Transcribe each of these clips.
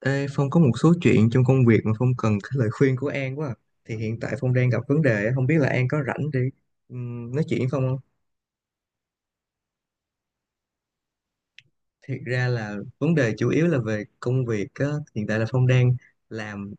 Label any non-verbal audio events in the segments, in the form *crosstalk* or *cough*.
Ê, Phong có một số chuyện trong công việc mà Phong cần cái lời khuyên của An quá à. Thì hiện tại Phong đang gặp vấn đề á, không biết là An có rảnh để nói chuyện với Phong không? Thiệt ra là vấn đề chủ yếu là về công việc á. Hiện tại là Phong đang làm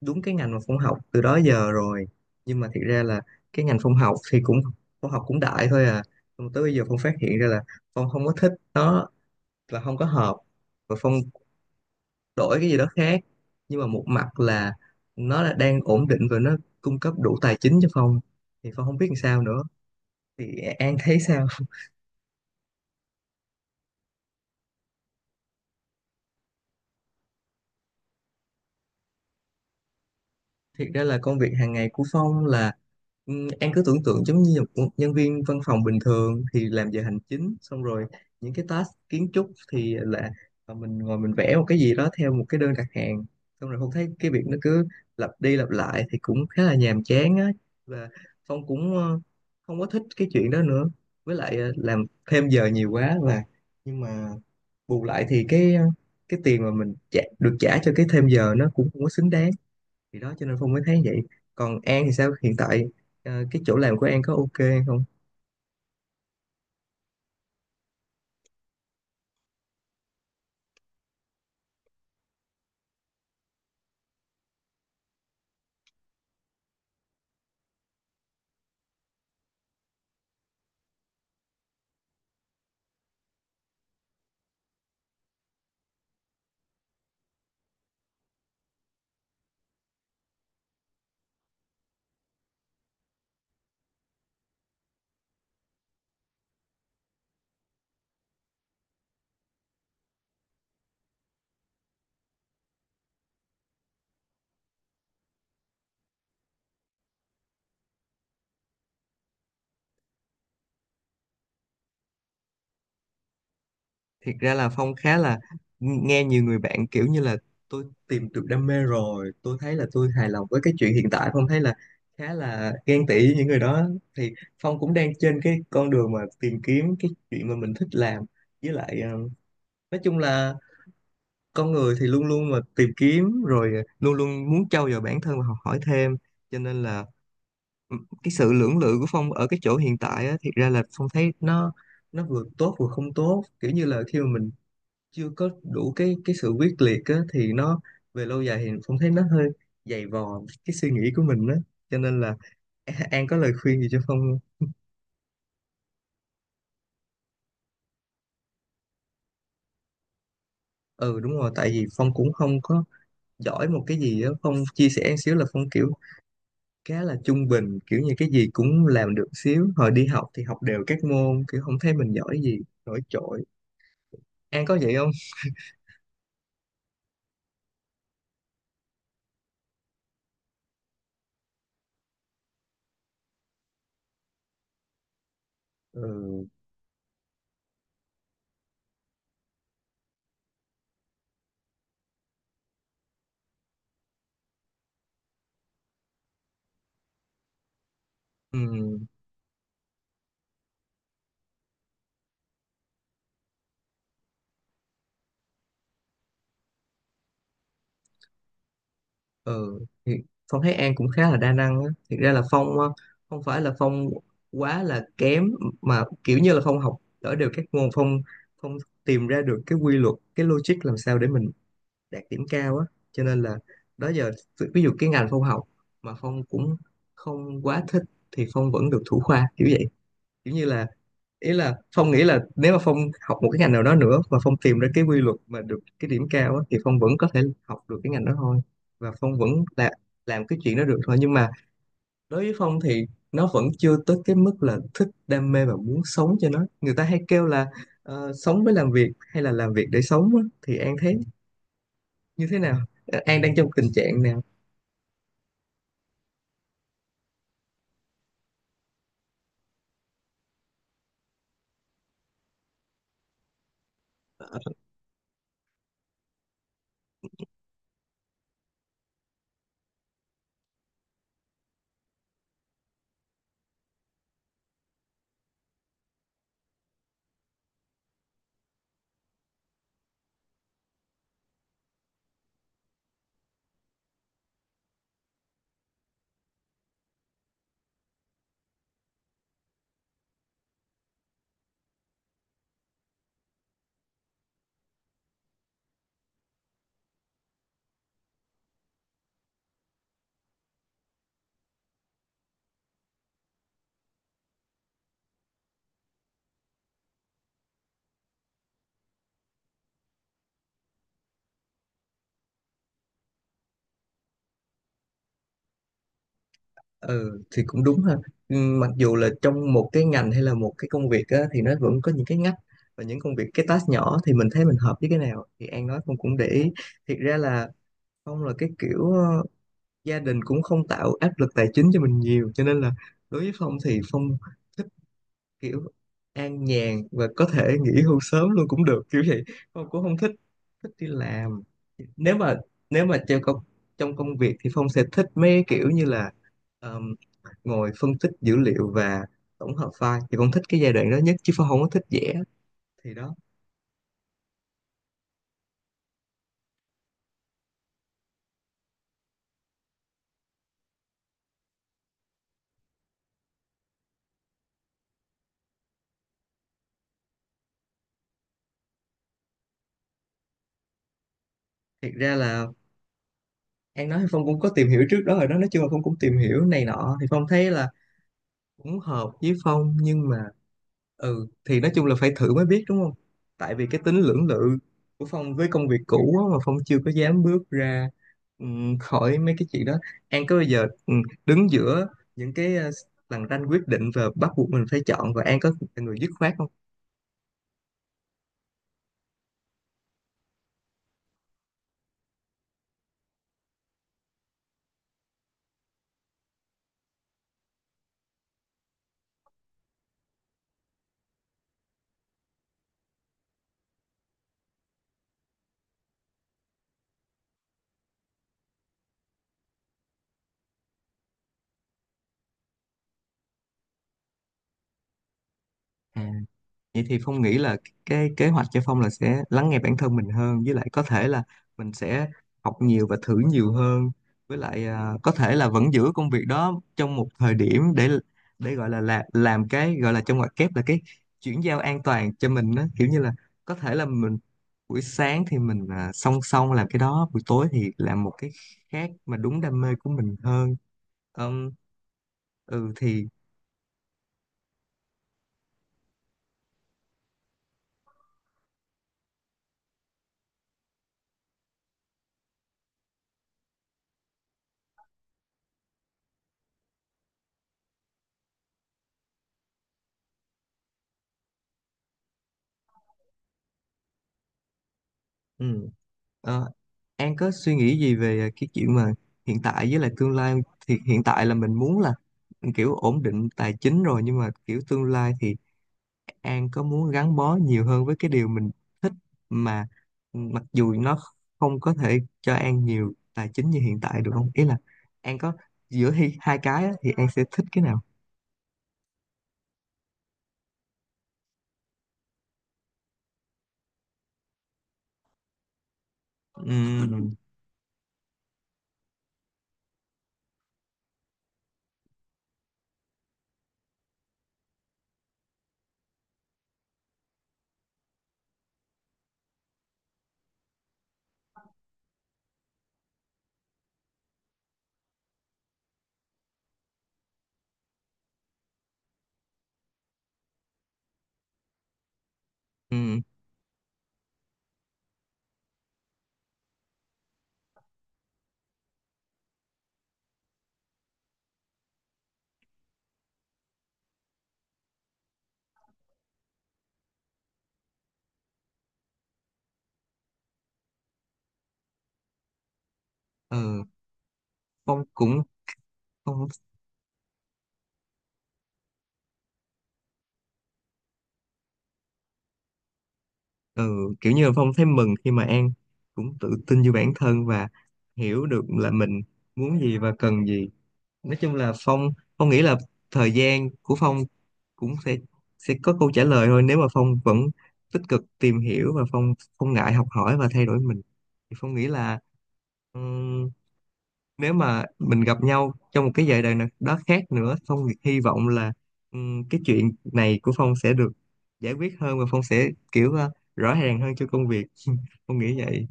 đúng cái ngành mà Phong học từ đó giờ rồi. Nhưng mà thiệt ra là cái ngành Phong học thì cũng Phong học cũng đại thôi à. Nhưng mà tới bây giờ Phong phát hiện ra là Phong không có thích nó và không có hợp. Và Phong đổi cái gì đó khác, nhưng mà một mặt là nó là đang ổn định và nó cung cấp đủ tài chính cho Phong, thì Phong không biết làm sao nữa, thì An thấy sao? Thiệt ra là công việc hàng ngày của Phong là ừ, An cứ tưởng tượng giống như một nhân viên văn phòng bình thường thì làm giờ hành chính, xong rồi những cái task kiến trúc thì là mình ngồi mình vẽ một cái gì đó theo một cái đơn đặt hàng, xong rồi Phong thấy cái việc nó cứ lặp đi lặp lại thì cũng khá là nhàm chán á. Và Phong cũng không có thích cái chuyện đó nữa, với lại làm thêm giờ nhiều quá. Và nhưng mà bù lại thì cái tiền mà được trả cho cái thêm giờ nó cũng không có xứng đáng, thì đó, cho nên Phong mới thấy vậy. Còn An thì sao, hiện tại cái chỗ làm của An có ok không? Thiệt ra là Phong khá là nghe nhiều người bạn kiểu như là tôi tìm được đam mê rồi, tôi thấy là tôi hài lòng với cái chuyện hiện tại. Phong thấy là khá là ghen tị với những người đó. Thì Phong cũng đang trên cái con đường mà tìm kiếm cái chuyện mà mình thích làm. Với lại nói chung là con người thì luôn luôn mà tìm kiếm, rồi luôn luôn muốn trau dồi bản thân và học hỏi thêm. Cho nên là cái sự lưỡng lự của Phong ở cái chỗ hiện tại á, thiệt ra là Phong thấy nó vừa tốt vừa không tốt, kiểu như là khi mà mình chưa có đủ cái sự quyết liệt á, thì nó về lâu dài thì Phong thấy nó hơi dày vò cái suy nghĩ của mình á. Cho nên là An có lời khuyên gì cho Phong không? Ừ, đúng rồi, tại vì Phong cũng không có giỏi một cái gì á. Phong chia sẻ một xíu là Phong kiểu khá là trung bình, kiểu như cái gì cũng làm được xíu, hồi đi học thì học đều các môn, kiểu không thấy mình giỏi gì nổi trội. An có vậy không? Ừ. Ừ. Ừ. Thì Phong thấy An cũng khá là đa năng á. Thực ra là không phải là Phong quá là kém, mà kiểu như là Phong học ở đều các môn. Phong Phong tìm ra được cái quy luật, cái logic làm sao để mình đạt điểm cao á. Cho nên là đó giờ, ví ví dụ cái ngành Phong học mà Phong cũng không quá thích thì Phong vẫn được thủ khoa kiểu vậy. Kiểu như là ý là Phong nghĩ là nếu mà Phong học một cái ngành nào đó nữa và Phong tìm ra cái quy luật mà được cái điểm cao á, thì Phong vẫn có thể học được cái ngành đó thôi, và Phong vẫn là làm cái chuyện đó được thôi. Nhưng mà đối với Phong thì nó vẫn chưa tới cái mức là thích, đam mê và muốn sống cho nó. Người ta hay kêu là sống với làm việc hay là làm việc để sống á, thì An thấy như thế nào, An đang trong tình trạng nào? Ừ thì cũng đúng ha. Mặc dù là trong một cái ngành hay là một cái công việc á, thì nó vẫn có những cái ngách và những công việc, cái task nhỏ thì mình thấy mình hợp với cái nào, thì An nói Phong cũng để ý. Thiệt ra là Phong là cái kiểu gia đình cũng không tạo áp lực tài chính cho mình nhiều, cho nên là đối với Phong thì Phong kiểu an nhàn và có thể nghỉ hưu sớm luôn cũng được kiểu vậy. Phong cũng không thích thích đi làm. nếu mà Nếu mà trong công việc thì Phong sẽ thích mấy kiểu như là um, ngồi phân tích dữ liệu và tổng hợp file, thì Phong thích cái giai đoạn đó nhất, chứ Phong không có thích vẽ, thì đó. Thiệt ra là An nói thì Phong cũng có tìm hiểu trước đó rồi đó, nói chung là Phong cũng tìm hiểu này nọ, thì Phong thấy là cũng hợp với Phong. Nhưng mà ừ thì nói chung là phải thử mới biết đúng không. Tại vì cái tính lưỡng lự của Phong với công việc cũ á, mà Phong chưa có dám bước ra khỏi mấy cái chuyện đó. An có bao giờ đứng giữa những cái lằn ranh quyết định và bắt buộc mình phải chọn, và An có là người dứt khoát không? Vậy thì Phong nghĩ là cái kế hoạch cho Phong là sẽ lắng nghe bản thân mình hơn, với lại có thể là mình sẽ học nhiều và thử nhiều hơn. Với lại à, có thể là vẫn giữ công việc đó trong một thời điểm để gọi là làm cái gọi là trong ngoặc kép là cái chuyển giao an toàn cho mình đó, kiểu như là có thể là mình buổi sáng thì mình à, song song làm cái đó, buổi tối thì làm một cái khác mà đúng đam mê của mình hơn. Ừm, ừ thì ừ. An có suy nghĩ gì về à, cái chuyện mà hiện tại với lại tương lai, thì hiện tại là mình muốn là kiểu ổn định tài chính rồi, nhưng mà kiểu tương lai thì An có muốn gắn bó nhiều hơn với cái điều mình thích, mà mặc dù nó không có thể cho An nhiều tài chính như hiện tại, được không? Ý là An có, giữa hai cái á, thì An sẽ thích cái nào? Ừm. Ừm. ờ, Phong cũng Phong ừ, kiểu như là Phong thấy mừng khi mà An cũng tự tin vô bản thân và hiểu được là mình muốn gì và cần gì. Nói chung là Phong Phong nghĩ là thời gian của Phong cũng sẽ có câu trả lời thôi, nếu mà Phong vẫn tích cực tìm hiểu và Phong không ngại học hỏi và thay đổi mình. Thì Phong nghĩ là nếu mà mình gặp nhau trong một cái giai đoạn nào đó khác nữa, Phong hy vọng là cái chuyện này của Phong sẽ được giải quyết hơn, và Phong sẽ kiểu rõ ràng hơn cho công việc. *laughs* Phong nghĩ vậy.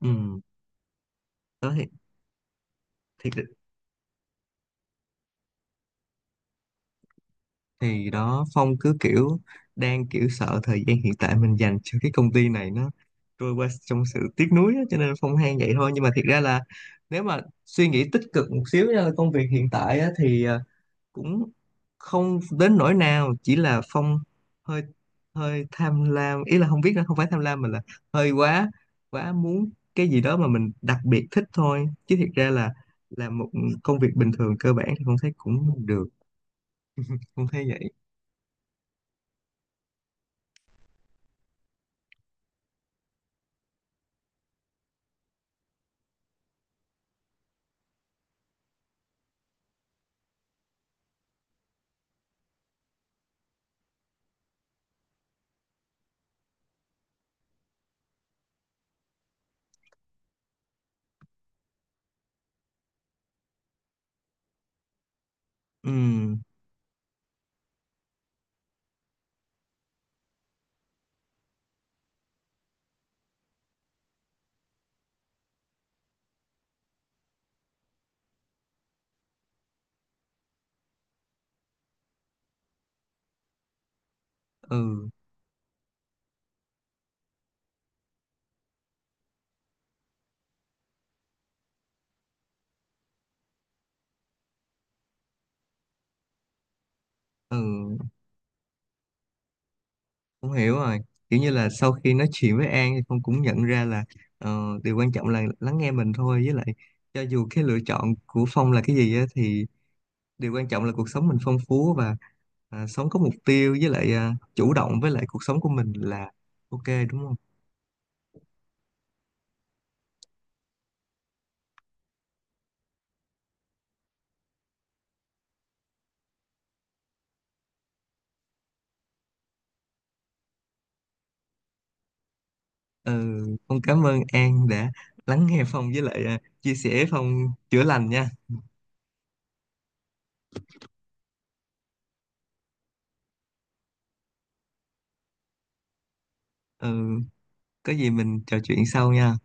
Ừm, đó thì, thì thì đó Phong cứ kiểu đang kiểu sợ thời gian hiện tại mình dành cho cái công ty này nó trôi qua trong sự tiếc nuối á, cho nên Phong than vậy thôi. Nhưng mà thiệt ra là nếu mà suy nghĩ tích cực một xíu nha, công việc hiện tại á, thì cũng không đến nỗi nào, chỉ là phong hơi hơi tham lam. Ý là không biết là không phải tham lam mà là hơi quá quá muốn cái gì đó mà mình đặc biệt thích thôi. Chứ thiệt ra là làm một công việc bình thường cơ bản thì không thấy, cũng được, không thấy vậy. Ừ. Ừ. Ừ. Không, hiểu rồi. Kiểu như là sau khi nói chuyện với An thì con cũng nhận ra là điều quan trọng là lắng nghe mình thôi. Với lại cho dù cái lựa chọn của Phong là cái gì á, thì điều quan trọng là cuộc sống mình phong phú và à, sống có mục tiêu, với lại à, chủ động với lại cuộc sống của mình là ok, đúng không? Ừ, Phong cảm ơn An đã lắng nghe Phong, với lại à, chia sẻ. Phong chữa lành nha. Ừ, có gì mình trò chuyện sau nha.